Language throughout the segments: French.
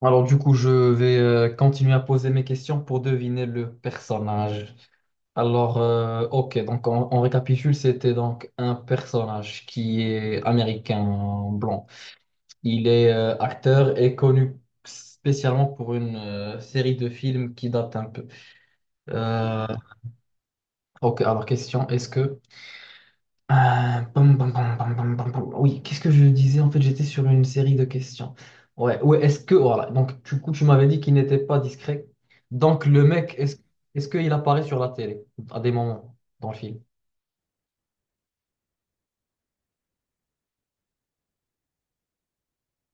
Alors, du coup, je vais continuer à poser mes questions pour deviner le personnage. Alors, ok, donc on récapitule, c'était donc un personnage qui est américain blanc. Il est acteur et connu spécialement pour une série de films qui date un peu. Euh, ok, alors question, est-ce que... pom, pom, pom, pom, pom, pom, pom. Oui, qu'est-ce que je disais? En fait, j'étais sur une série de questions. Ouais, ouais, est-ce que, voilà, donc du coup, tu m'avais dit qu'il n'était pas discret. Donc, le mec, est-ce qu'il apparaît sur la télé à des moments dans le film?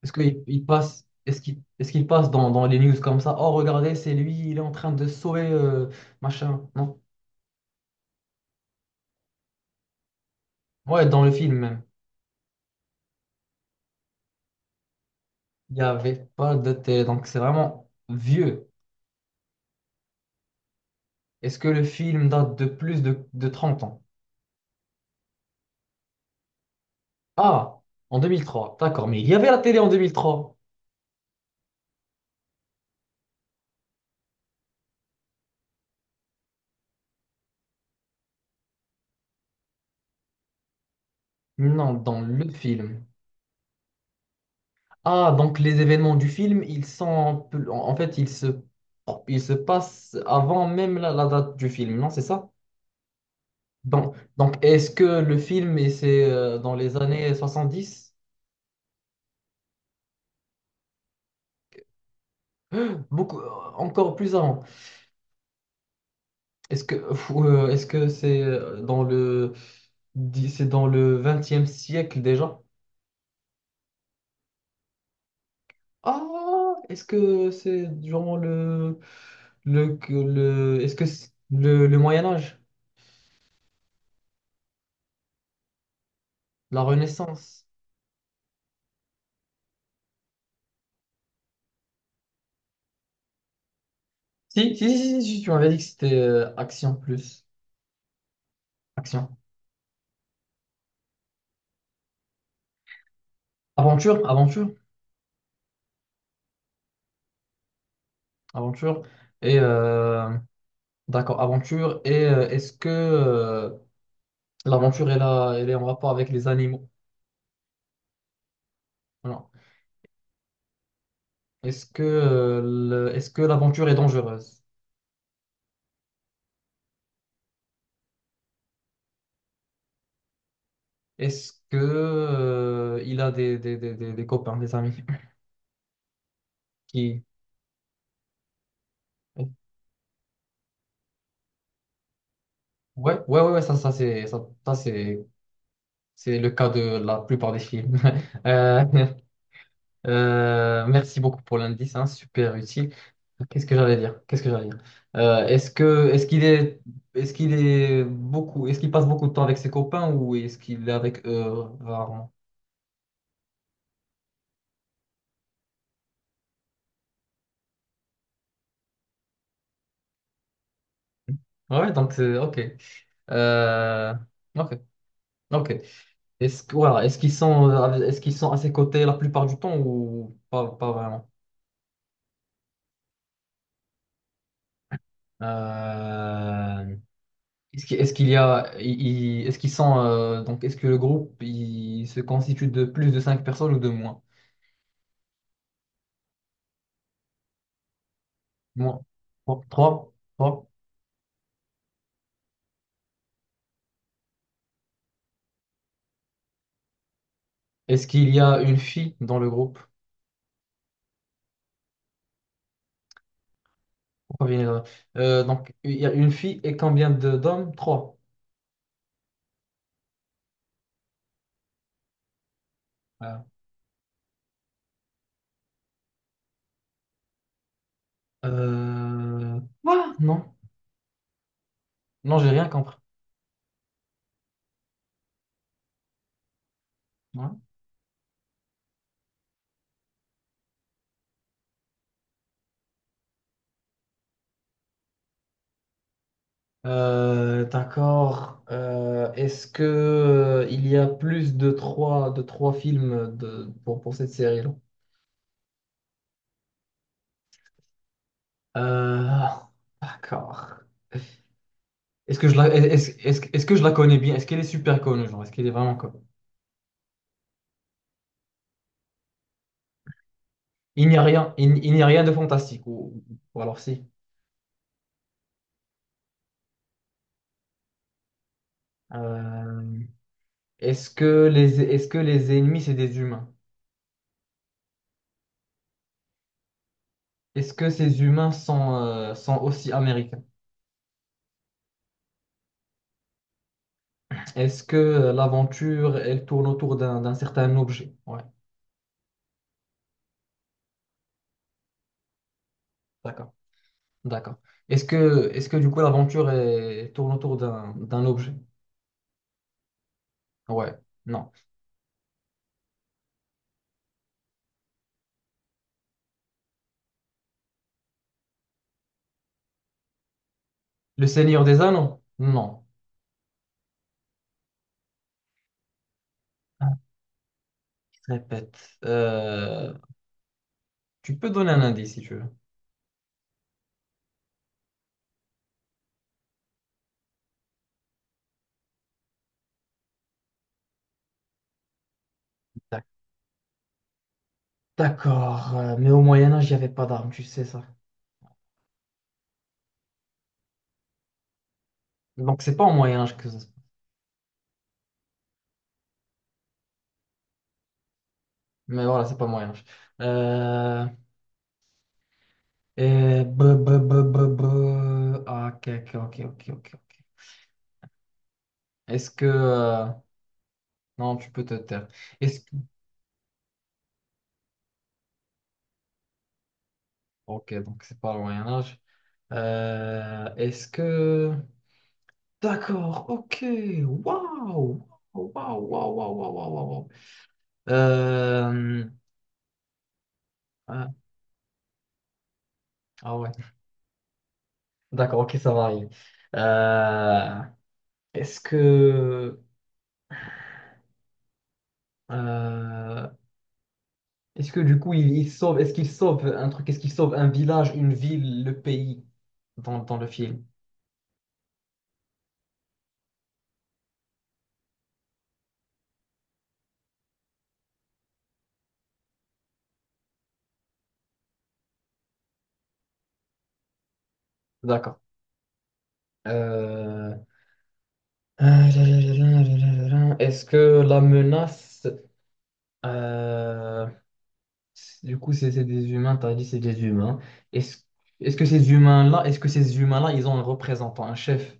Est-ce qu'il il passe, est-ce qu'il passe dans les news comme ça? Oh, regardez, c'est lui, il est en train de sauver machin. Non? Ouais, dans le film même. Il n'y avait pas de télé, donc c'est vraiment vieux. Est-ce que le film date de plus de 30 ans? Ah, en 2003, d'accord, mais il y avait la télé en 2003. Non, dans le film. Ah, donc les événements du film, ils sont en fait, ils se passent avant même la date du film, non, c'est ça? Donc, est-ce que le film, et c'est dans les années 70? Beaucoup, encore plus avant. Est-ce que, est-ce que c'est c'est dans le XXe siècle déjà? Ah, est-ce que c'est durant le... est-ce que c'est le Moyen Âge, la Renaissance? Si, si, si, si, si, tu m'avais dit que c'était action plus action. Aventure, aventure, aventure. Et d'accord, aventure. Et est-ce que l'aventure est là, elle est en rapport avec les animaux? Non. Est-ce que est-ce que l'aventure est dangereuse? Est-ce que il a des copains, des amis qui... Ouais, ouais, ouais, ouais, ça, ça c'est le cas de la plupart des films. Euh, merci beaucoup pour l'indice, hein, super utile. Qu'est-ce que j'allais dire? Qu'est-ce que j'allais dire? Euh, est-ce que est-ce qu'il est est-ce qu'il passe beaucoup de temps avec ses copains ou est-ce qu'il est avec eux rarement? Ouais, donc c'est ok. Euh, ok, ok. Est-ce qu'ils sont à ses côtés la plupart du temps ou pas, pas vraiment? Euh, est-ce qu'il y a, Donc, est-ce que le groupe il se constitue de plus de cinq personnes ou de moins? Moins. Trois. Trois. Trois. Est-ce qu'il y a une fille dans le groupe? Pourquoi il y en a- donc il y a une fille et combien de d'hommes? Trois. Voilà. Voilà, non. Non, j'ai rien compris. Voilà. D'accord. Est-ce que il y a plus de trois films pour cette série-là? Euh, d'accord. Est-ce que je la connais bien? Est-ce qu'elle est super connue, genre? Est-ce qu'elle est vraiment connue? Il n'y a rien, il n'y a rien de fantastique, ou alors si. Euh, Est-ce que les ennemis, c'est des humains? Est-ce que ces humains sont aussi américains? Est-ce que l'aventure, elle tourne autour d'un certain objet? Ouais, d'accord, d'accord. Est-ce que du coup, l'aventure, elle tourne autour d'un objet? Ouais, non. Le Seigneur des Anneaux? Non. Répète. Tu peux donner un indice si tu veux. D'ac- D'accord, mais au Moyen Âge, il n'y avait pas d'armes, tu sais ça. Donc, c'est pas au Moyen-Âge que ça se passe. Mais voilà, c'est pas au Moyen-Âge. Euh, et... b b b b b. Ah, ok, ok, ok, ok, ok. Ok. Est-ce que... Non, tu peux te taire. Est-ce que... Ok, donc c'est pas au Moyen-Âge. Est-ce que... D'accord, ok. Waouh! Waouh, waouh, waouh, waouh, waouh, waouh, waouh. Euh, Ah, ah, ouais. D'accord, ok, ça varie. Euh, est-ce que, euh, Est-ce que du coup, il sauve, est-ce qu'il sauve un truc, est-ce qu'il sauve un village, une ville, le pays dans le film? D'accord. Euh, Est-ce que la menace, euh, du coup, c'est des humains, t'as dit c'est des humains. Est-ce, Est-ce que ces humains-là, est-ce que ces humains-là, ils ont un représentant, un chef?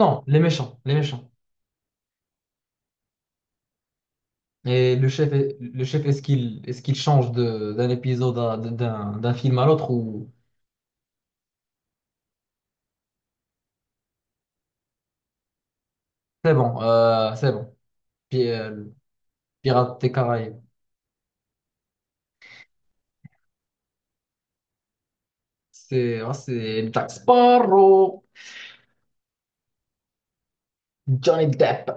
Non, les méchants, les méchants. Et le chef, est-ce qu'il change d'un épisode à... d'un film à l'autre ou c'est bon, c'est bon. Puis, Pirates des Caraïbes, c'est ah, c'est Jack Sparrow, Johnny Depp,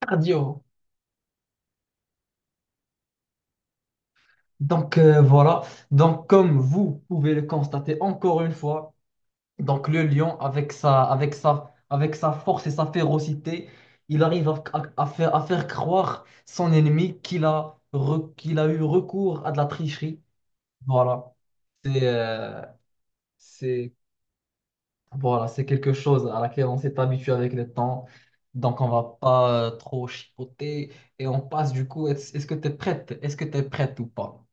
cardio. Donc, voilà. Donc, comme vous pouvez le constater encore une fois, donc le lion avec sa force et sa férocité, il arrive à faire croire son ennemi qu'il a qu'il a eu recours à de la tricherie. Voilà. C'est euh, c'est Voilà, c'est quelque chose à laquelle on s'est habitué avec le temps. Donc on va pas trop chipoter et on passe du coup. Est-ce que tu es prête? Est-ce que tu es prête ou pas?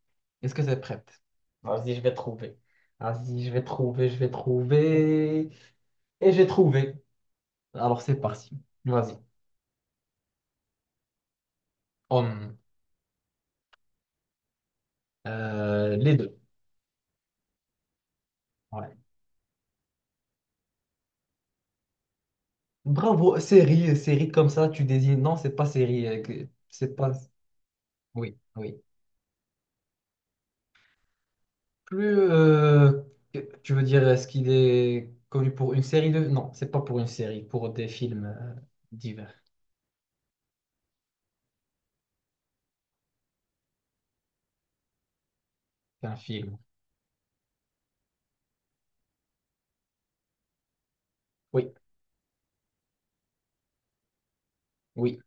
Est-ce que tu es prête? Vas-y, je vais trouver. Vas-y, je vais trouver. Et j'ai trouvé. Alors c'est parti. Vas-y. Hum, les deux. Ouais. Bravo, série, série comme ça, tu désignes. Non, c'est pas série. C'est pas. Oui, oui. plus, euh, Tu veux dire, est-ce qu'il est connu pour une série de... Non, c'est pas pour une série, pour des films divers. C'est un film. Oui, oui.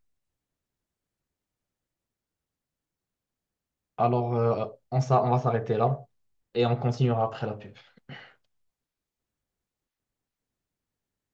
Alors, on va s'arrêter là et on continuera après la pub.